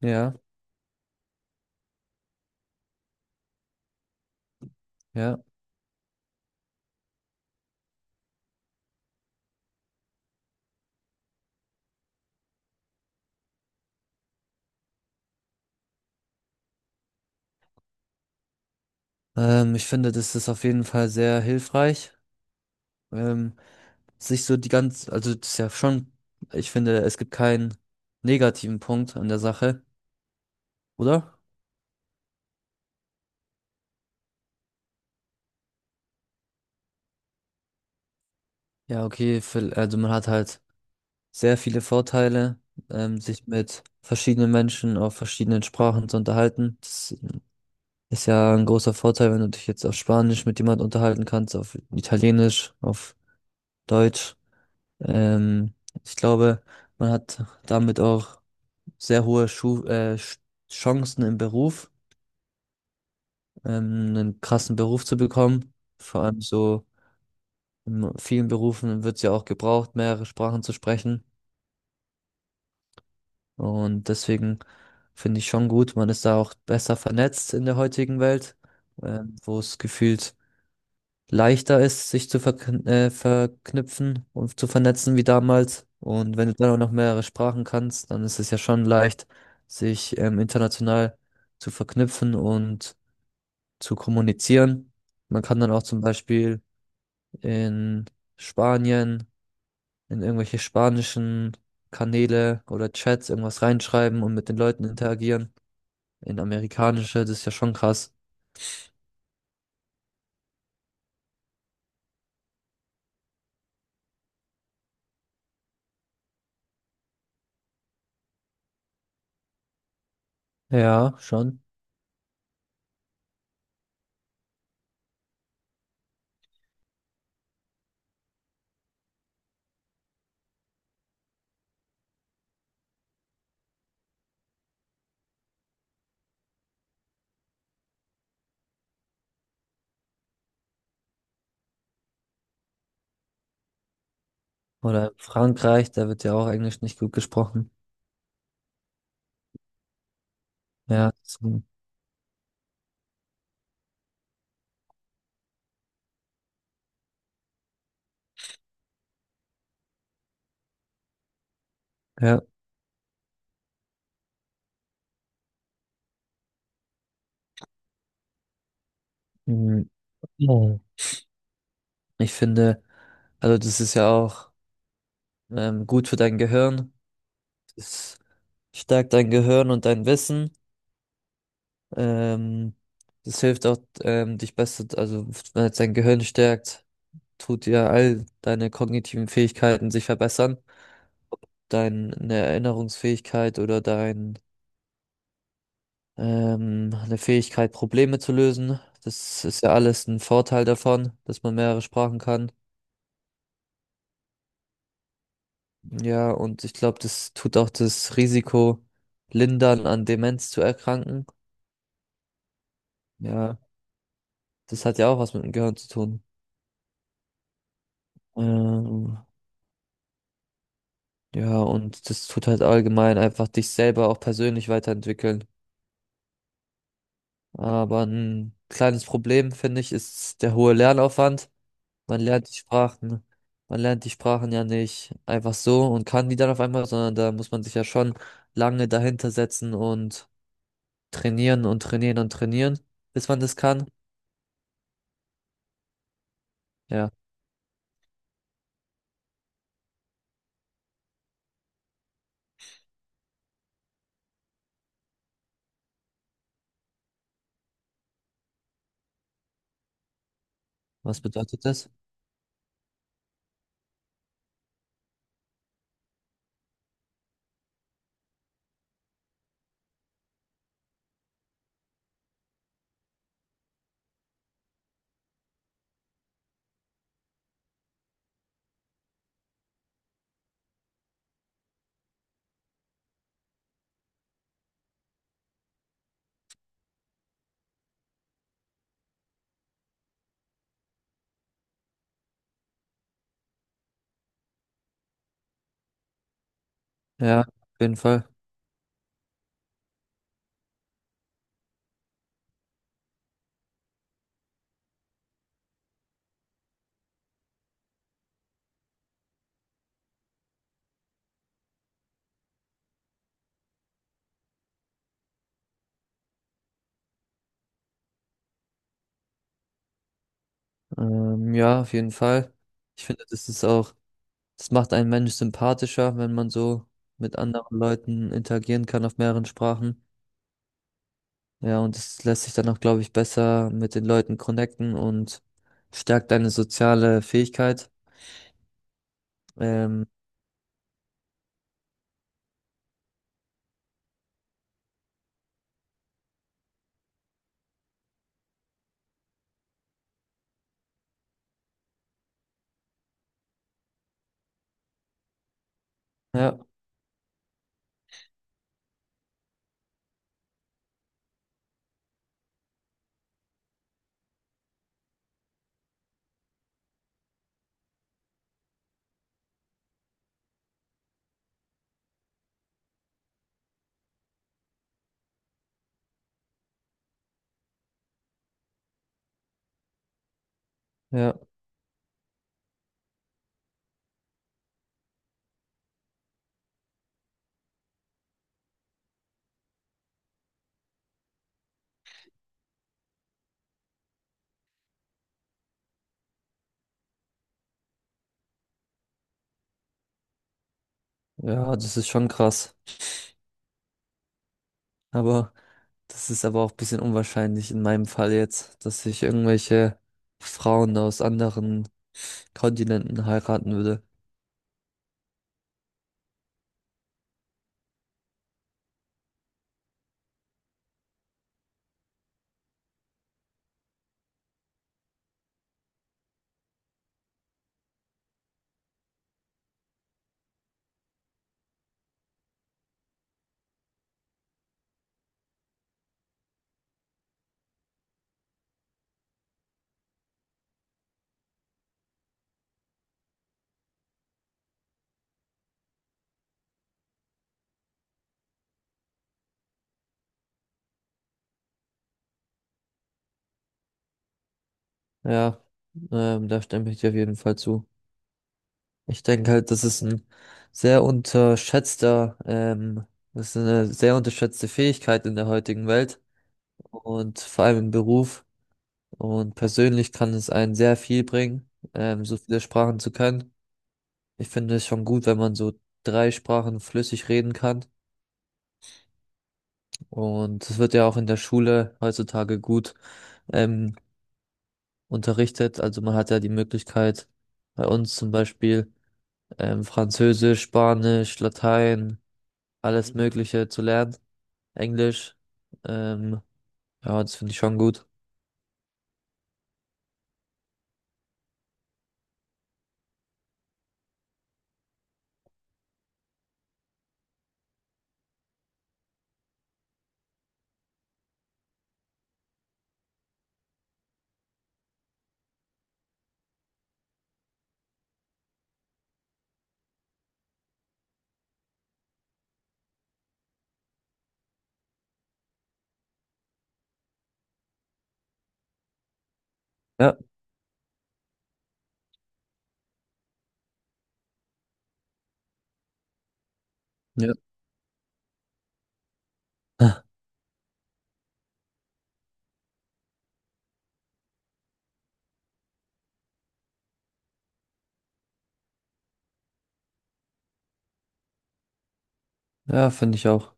Ja, ja. Ich finde, das ist auf jeden Fall sehr hilfreich. Ähm, Sich so die ganz, also das ist ja schon, ich finde, es gibt keinen negativen Punkt an der Sache, oder? Ja, okay, also man hat halt sehr viele Vorteile, sich mit verschiedenen Menschen auf verschiedenen Sprachen zu unterhalten. Das ist ja ein großer Vorteil, wenn du dich jetzt auf Spanisch mit jemand unterhalten kannst, auf Italienisch, auf Deutsch. Ähm, Ich glaube, man hat damit auch sehr hohe Chancen im Beruf, einen krassen Beruf zu bekommen. Vor allem so in vielen Berufen wird es ja auch gebraucht, mehrere Sprachen zu sprechen. Und deswegen finde ich schon gut, man ist da auch besser vernetzt in der heutigen Welt, wo es gefühlt leichter ist, sich zu verknüpfen und zu vernetzen wie damals. Und wenn du dann auch noch mehrere Sprachen kannst, dann ist es ja schon leicht, sich international zu verknüpfen und zu kommunizieren. Man kann dann auch zum Beispiel in Spanien, in irgendwelche spanischen Kanäle oder Chats irgendwas reinschreiben und mit den Leuten interagieren. In amerikanische, das ist ja schon krass. Ja, schon. Oder in Frankreich, da wird ja auch Englisch nicht gut gesprochen. Ja, so, ja. Mhm. Mhm. Ich finde, also das ist ja auch gut für dein Gehirn. Es stärkt dein Gehirn und dein Wissen. Ähm, Das hilft auch, dich besser, also wenn es dein Gehirn stärkt, tut dir all deine kognitiven Fähigkeiten sich verbessern. Deine Erinnerungsfähigkeit oder dein, eine Fähigkeit, Probleme zu lösen. Das ist ja alles ein Vorteil davon, dass man mehrere Sprachen kann. Ja, und ich glaube, das tut auch das Risiko lindern, an Demenz zu erkranken. Ja, das hat ja auch was mit dem Gehirn zu tun. Ähm, Ja, und das tut halt allgemein einfach dich selber auch persönlich weiterentwickeln. Aber ein kleines Problem, finde ich, ist der hohe Lernaufwand. Man lernt die Sprachen, Man lernt die Sprachen ja nicht einfach so und kann die dann auf einmal, sondern da muss man sich ja schon lange dahinter setzen und trainieren und trainieren und trainieren, bis man das kann. Ja, was bedeutet das? Ja, auf jeden Fall. Ja, auf jeden Fall. Ich finde, das ist auch das macht einen Mensch sympathischer, wenn man so mit anderen Leuten interagieren kann auf mehreren Sprachen. Ja, und es lässt sich dann auch, glaube ich, besser mit den Leuten connecten und stärkt deine soziale Fähigkeit. Ähm, ja, ja, ja, das ist schon krass. Aber das ist aber auch ein bisschen unwahrscheinlich in meinem Fall jetzt, dass ich irgendwelche Frauen aus anderen Kontinenten heiraten würde. Ja, da stimme ich dir auf jeden Fall zu. Ich denke halt, das ist ein sehr unterschätzter, ähm, das ist eine sehr unterschätzte Fähigkeit in der heutigen Welt und vor allem im Beruf. Und persönlich kann es einen sehr viel bringen, so viele Sprachen zu können. Ich finde es schon gut, wenn man so drei Sprachen flüssig reden kann. Und es wird ja auch in der Schule heutzutage gut, ähm, unterrichtet. Also man hat ja die Möglichkeit, bei uns zum Beispiel, Französisch, Spanisch, Latein, alles Mhm. Mögliche zu lernen. Englisch. Ähm, ja, das finde ich schon gut. Ja, ja. Ja, finde ich auch.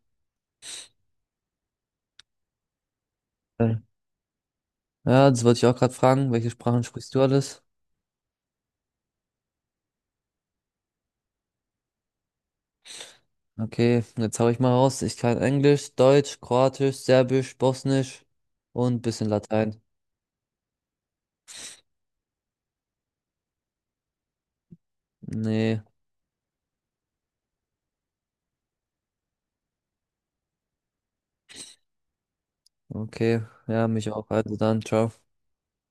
Ja, ja, das wollte ich auch gerade fragen. Welche Sprachen sprichst du alles? Okay, jetzt hau ich mal raus. Ich kann Englisch, Deutsch, Kroatisch, Serbisch, Bosnisch und bisschen Latein. Nee, okay. Ja, mich auch. Also dann, ciao.